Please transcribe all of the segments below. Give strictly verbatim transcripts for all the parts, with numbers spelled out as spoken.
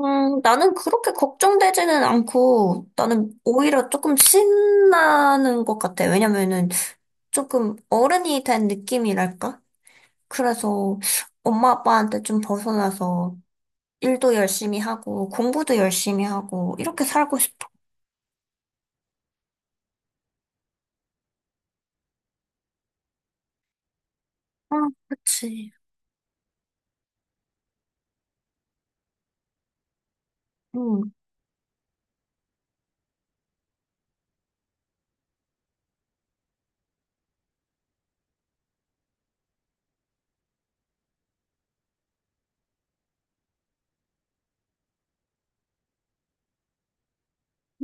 음, 나는 그렇게 걱정되지는 않고, 나는 오히려 조금 신나는 것 같아. 왜냐면은 조금 어른이 된 느낌이랄까? 그래서 엄마 아빠한테 좀 벗어나서 일도 열심히 하고, 공부도 열심히 하고, 이렇게 살고 싶어. 아, 그치. 음,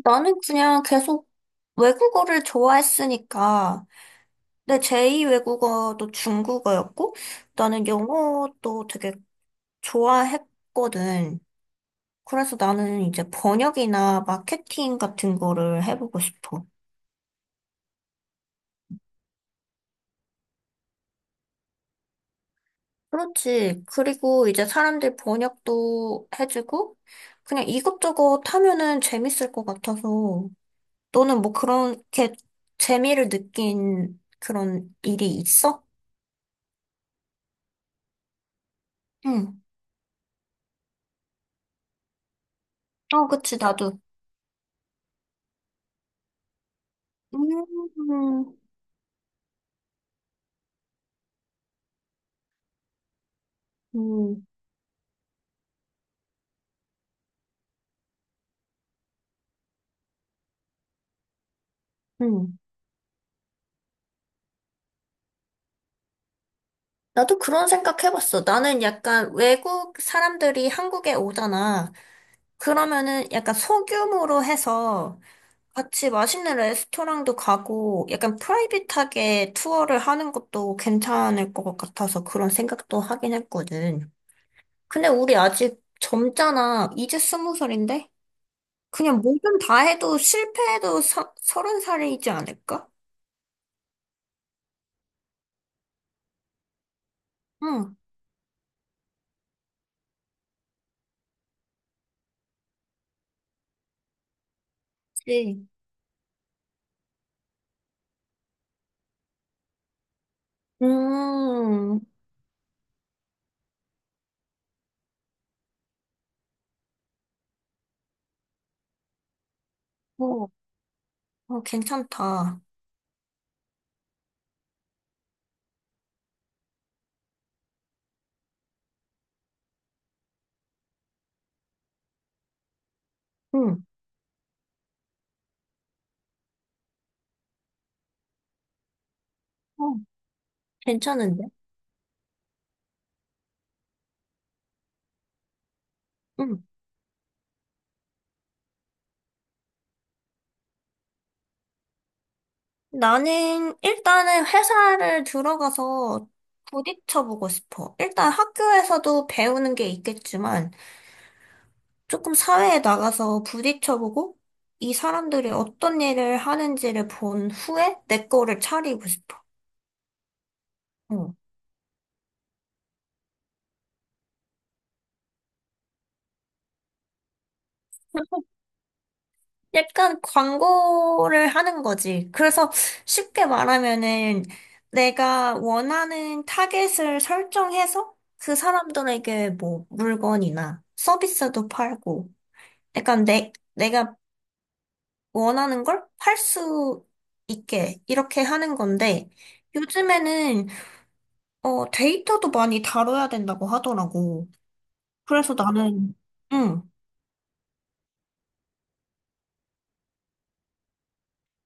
나는 그냥 계속 외국어를 좋아했으니까, 내 제이 외국어도 중국어였고, 나는 영어도 되게 좋아했거든. 그래서 나는 이제 번역이나 마케팅 같은 거를 해보고 싶어. 그렇지. 그리고 이제 사람들 번역도 해주고, 그냥 이것저것 하면은 재밌을 것 같아서, 너는 뭐 그렇게 재미를 느낀 그런 일이 있어? 응. 어, 그치, 나도. 음, 음, 음. 음. 나도 그런 생각 해봤어. 나는 약간 외국 사람들이 한국에 오잖아. 그러면은 약간 소규모로 해서 같이 맛있는 레스토랑도 가고 약간 프라이빗하게 투어를 하는 것도 괜찮을 것 같아서 그런 생각도 하긴 했거든. 근데 우리 아직 젊잖아. 이제 스무 살인데? 그냥 뭐든 다 해도 실패해도 서, 서른 살이지 않을까? 응, 그치. 음, 어, 어, 괜찮다. 응, 어, 괜찮은데? 응. 나는 일단은 회사를 들어가서 부딪혀보고 싶어. 일단 학교에서도 배우는 게 있겠지만 조금 사회에 나가서 부딪혀보고 이 사람들이 어떤 일을 하는지를 본 후에 내 거를 차리고 싶어. 어. 약간 광고를 하는 거지. 그래서 쉽게 말하면은 내가 원하는 타겟을 설정해서 그 사람들에게 뭐 물건이나 서비스도 팔고 약간 내, 내가 원하는 걸 팔 수 있게 이렇게 하는 건데 요즘에는 어, 데이터도 많이 다뤄야 된다고 하더라고. 그래서 나는 응.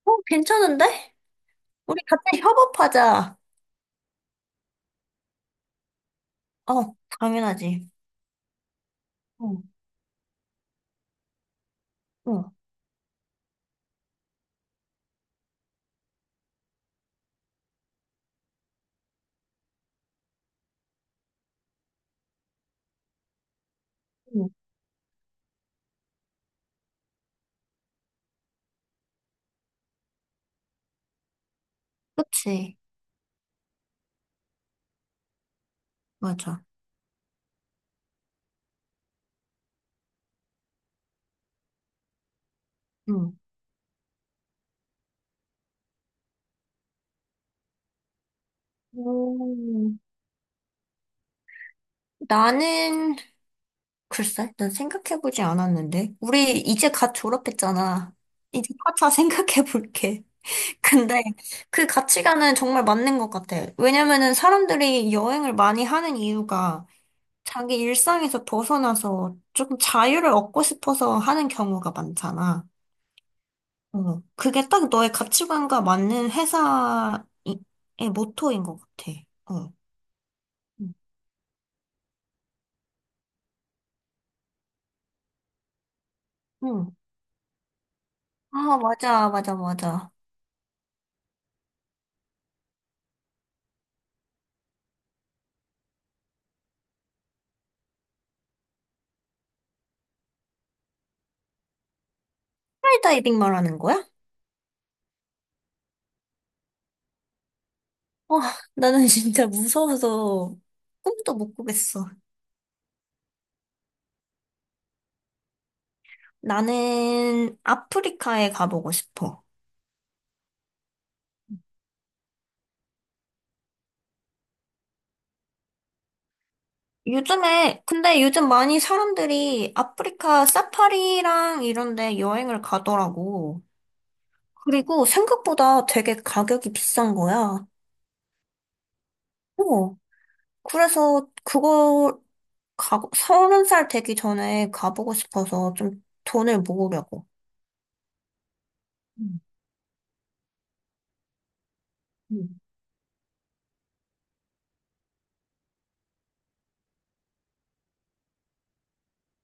어, 괜찮은데? 우리 같이 협업하자. 어, 당연하지. 어, 어, 응. 그치. 맞아. 응. 음, 나는 글쎄, 난 생각해보지 않았는데. 우리 이제 갓 졸업했잖아. 이제 차차 생각해볼게. 근데 그 가치관은 정말 맞는 것 같아. 왜냐면은 사람들이 여행을 많이 하는 이유가 자기 일상에서 벗어나서 조금 자유를 얻고 싶어서 하는 경우가 많잖아. 어, 그게 딱 너의 가치관과 맞는 회사의 모토인 것 같아. 어. 응. 응. 아, 맞아, 맞아, 맞아. 프이다이빙 말하는 거야? 와, 나는 진짜 무서워서 꿈도 못 꾸겠어. 나는 아프리카에 가보고 싶어. 요즘에, 근데 요즘 많이 사람들이 아프리카 사파리랑 이런 데 여행을 가더라고. 그리고 생각보다 되게 가격이 비싼 거야. 어. 그래서 그거 가, 서른 살 되기 전에 가보고 싶어서 좀 돈을 모으려고. 음, 음.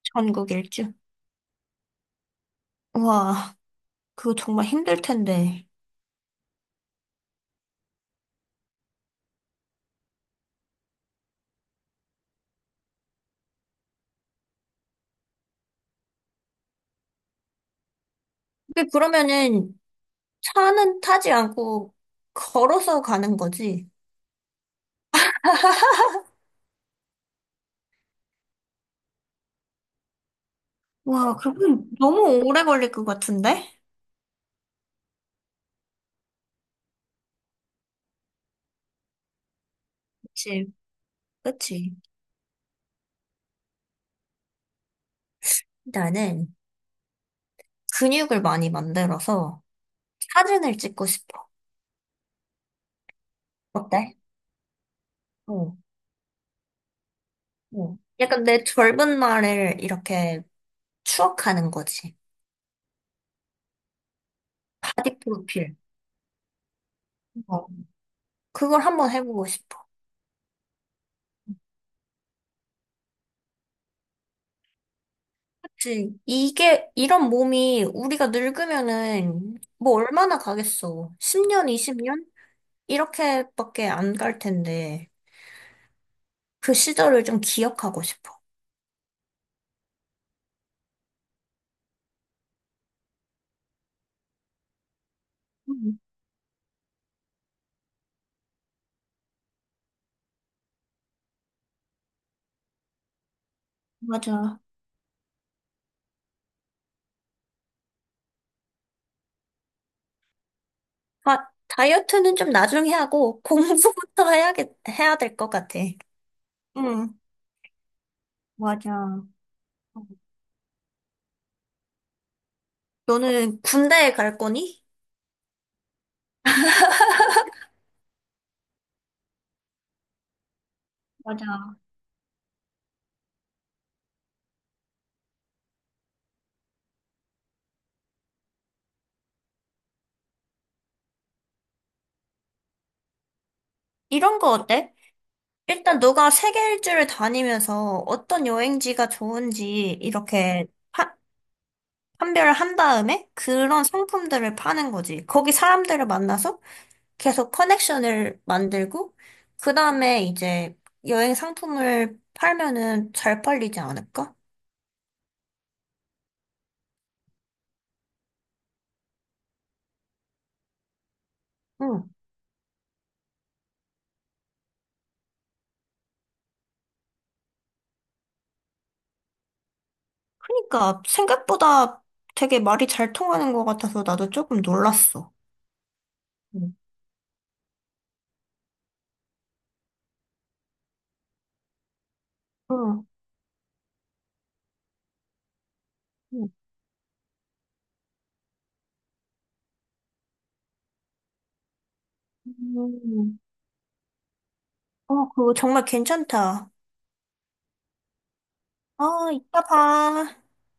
전국 일주. 와, 그거 정말 힘들 텐데. 근데 그러면은 차는 타지 않고 걸어서 가는 거지. 와, 그러면 너무 오래 걸릴 것 같은데? 그치, 그치. 나는 근육을 많이 만들어서 사진을 찍고 싶어. 어때? 어, 어. 약간 내 젊은 날을 이렇게 추억하는 거지. 바디 프로필. 어. 그걸 한번 해보고 싶어. 그치. 이게, 이런 몸이 우리가 늙으면은 뭐 얼마나 가겠어. 십 년, 이십 년? 이렇게밖에 안 갈 텐데. 그 시절을 좀 기억하고 싶어. 음, 맞아. 아, 다이어트는 좀 나중에 하고, 공부부터 해야겠, 해야 될 것 같아. 응, 맞아. 너는 군대에 갈 거니? 맞아. 이런 거 어때? 일단 너가 세계 일주를 다니면서 어떤 여행지가 좋은지 이렇게 파- 판별을 한 다음에 그런 상품들을 파는 거지. 거기 사람들을 만나서 계속 커넥션을 만들고 그 다음에 이제 여행 상품을 팔면은 잘 팔리지 않을까? 그러니까 생각보다 되게 말이 잘 통하는 것 같아서 나도 조금 놀랐어. 음. 응. 응. 음. 어, 그거 정말 괜찮다. 어, 이따 봐.